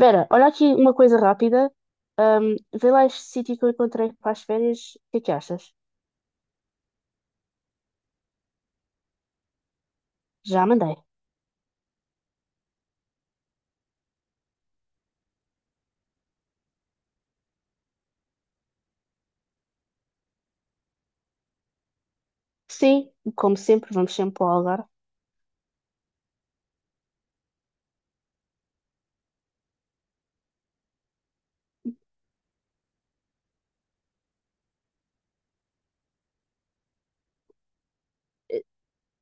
Vera, olha aqui uma coisa rápida. Ahm, Vê lá este sítio que eu encontrei para as férias. O que é que achas? Já mandei. Sim, como sempre, vamos sempre para o Algarve.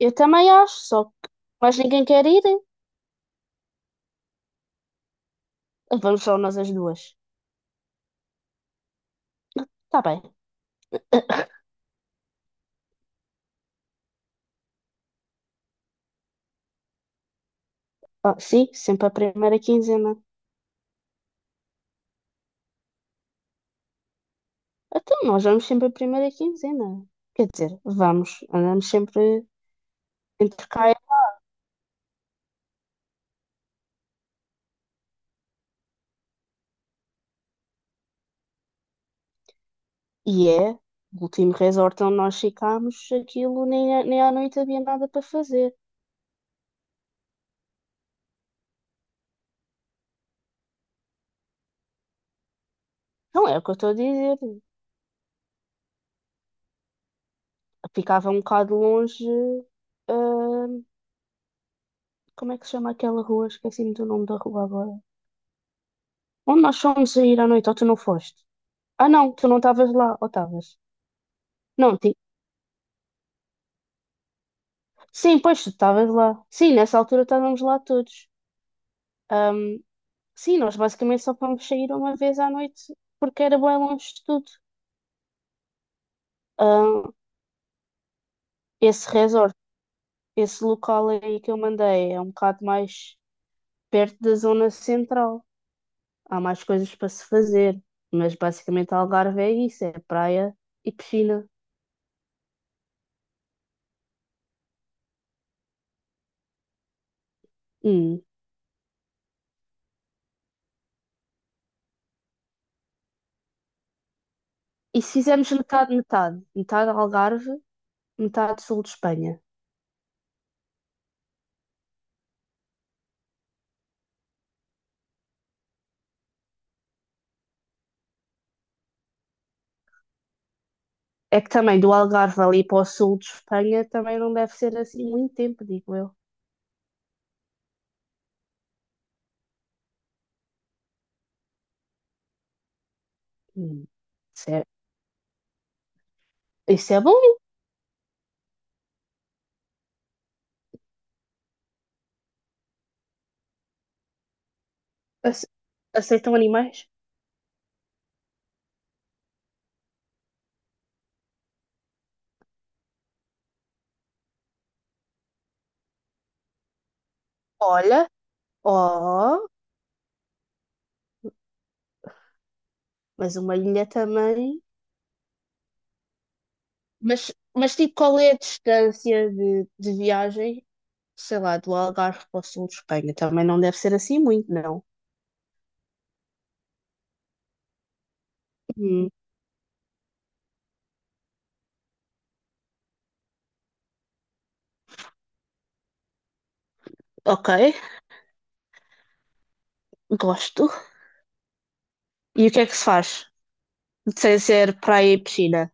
Eu também acho, só que mais ninguém quer ir. Vamos só nós as duas. Está bem. Ah, sim, sempre a primeira quinzena. Então, nós vamos sempre a primeira quinzena. Quer dizer, andamos sempre entre cá e é. O último resort onde nós ficámos, aquilo nem, é, nem à noite havia nada para fazer. Não é o que eu estou a dizer. Ficava um bocado longe. hum, Como é que se chama aquela rua? Esqueci-me do nome da rua agora. Onde nós fomos a ir à noite, ou tu não foste? Ah, não, tu não estavas lá, ou estavas? Não, ti... Sim, pois tu estavas lá. Sim, nessa altura estávamos lá todos. Hum, sim, nós basicamente só fomos sair uma vez à noite porque era bem longe de tudo. Hum, Esse resort, esse local aí que eu mandei é um bocado mais perto da zona central. Há mais coisas para se fazer, mas basicamente Algarve é isso, é praia e piscina. Hum. E se fizermos metade, metade Algarve, metade sul de Espanha. É que também do Algarve ali para o sul de Espanha também não deve ser assim muito tempo, digo eu. Hum. Isso é, isso é bom. Ace- Aceitam animais? Olha, oh, mas uma ilha também. Mas tipo, qual é a distância de viagem, sei lá, do Algarve para o sul de Espanha. Também não deve ser assim muito, não. Hum, ok, gosto. E o que é que se faz? Sem ser praia e piscina?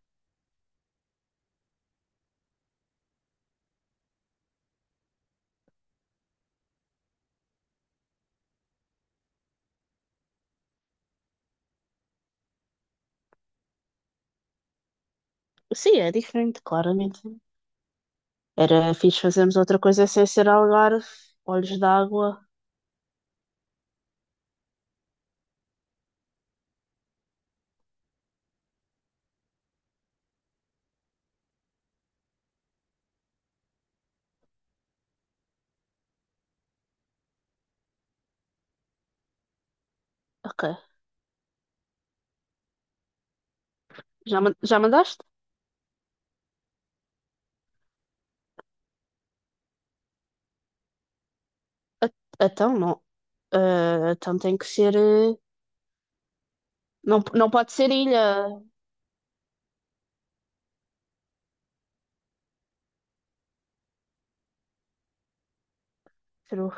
Sim, é diferente, claramente. Era fixe fazermos outra coisa sem ser Algarve, olhos d'água. Ok. Já mandaste? Ah, então, não. Ah, então tem que ser. Não, não pode ser ilha. Peru.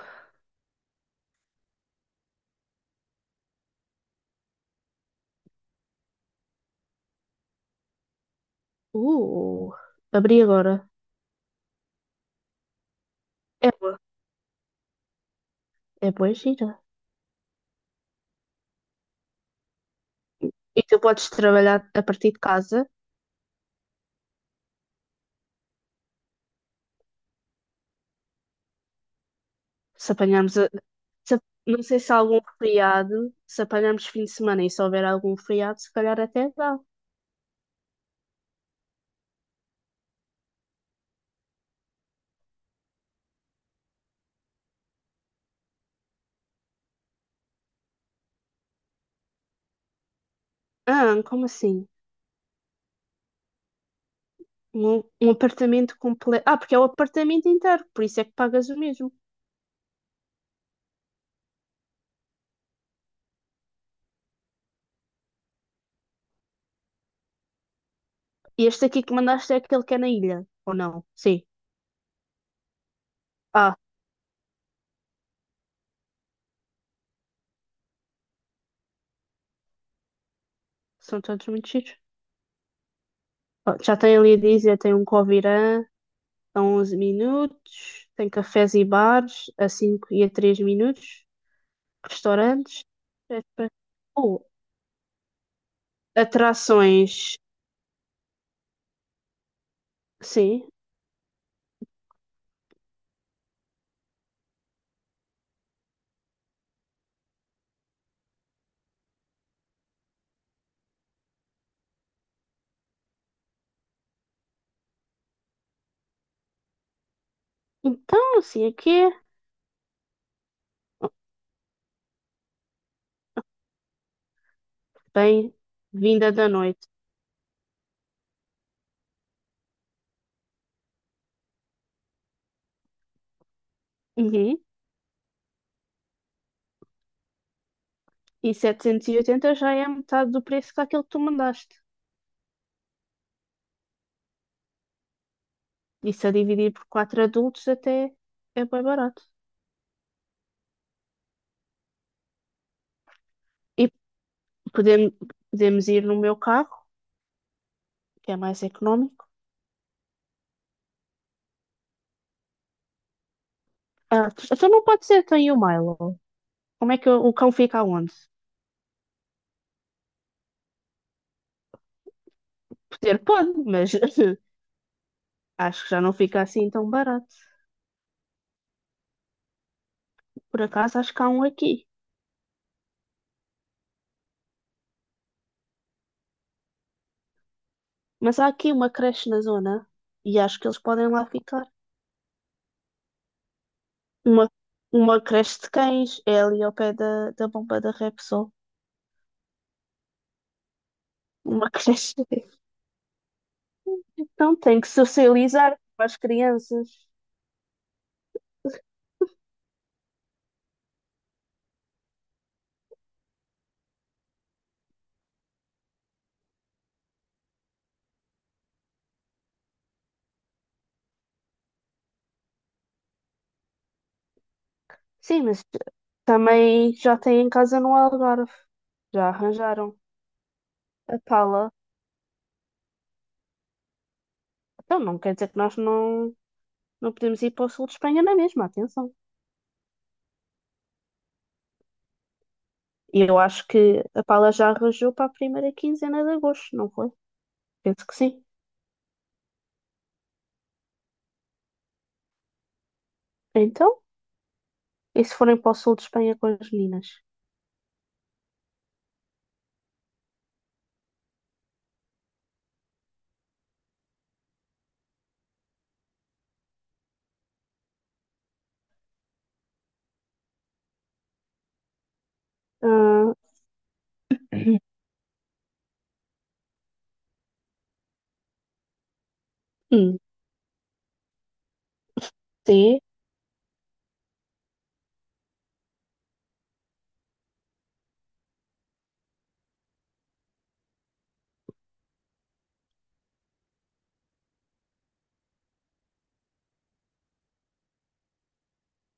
Uh, Abri agora. É boa. É boa gira. E tu podes trabalhar a partir de casa. Se apanharmos, a- se- a- Não sei se há algum feriado, se apanharmos fim de semana e se houver algum feriado, se calhar até dá. Ah, como assim? Um apartamento completo. Ah, porque é o apartamento inteiro, por isso é que pagas o mesmo. E este aqui que mandaste é aquele que é na ilha, ou não? Sim. Ah, são todos muito chiques. Ó, já tem ali a dizer, tem um Covirã a 11 minutos, tem cafés e bares a 5 e a 3 minutos, restaurantes, etc. Oh, atrações, sim, então, assim, aqui é bem-vinda da noite. Uhum. E 780 já é metade do preço que aquele que tu mandaste. Isso a dividir por quatro adultos até é bem barato. E podemos, podemos ir no meu carro, que é mais económico. Ah, então não pode ser, tem o Milo. Como é que o cão fica, onde? Poder pode, mas acho que já não fica assim tão barato. Por acaso acho que há um aqui. Mas há aqui uma creche na zona e acho que eles podem lá ficar. Uma, uma creche de cães é ali ao pé da, da bomba da Repsol. Uma creche. Então tem que socializar com as crianças. Sim, mas também já tem em casa no Algarve. Já arranjaram a pala. Então não quer dizer que nós não, não podemos ir para o sul de Espanha na mesma, atenção. E eu acho que a pala já arranjou para a primeira quinzena de agosto, não foi? Penso que sim. Então, e se forem para o sul de Espanha com as meninas? Ah, hum, sim,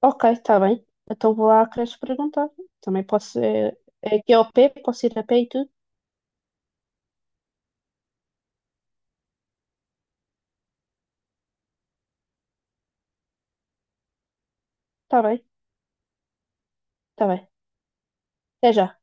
ok, está bem. Então vou lá à creche perguntar. Também posso. É, é aqui ao pé, posso ir a pé e tudo? Está bem, está bem. Até já.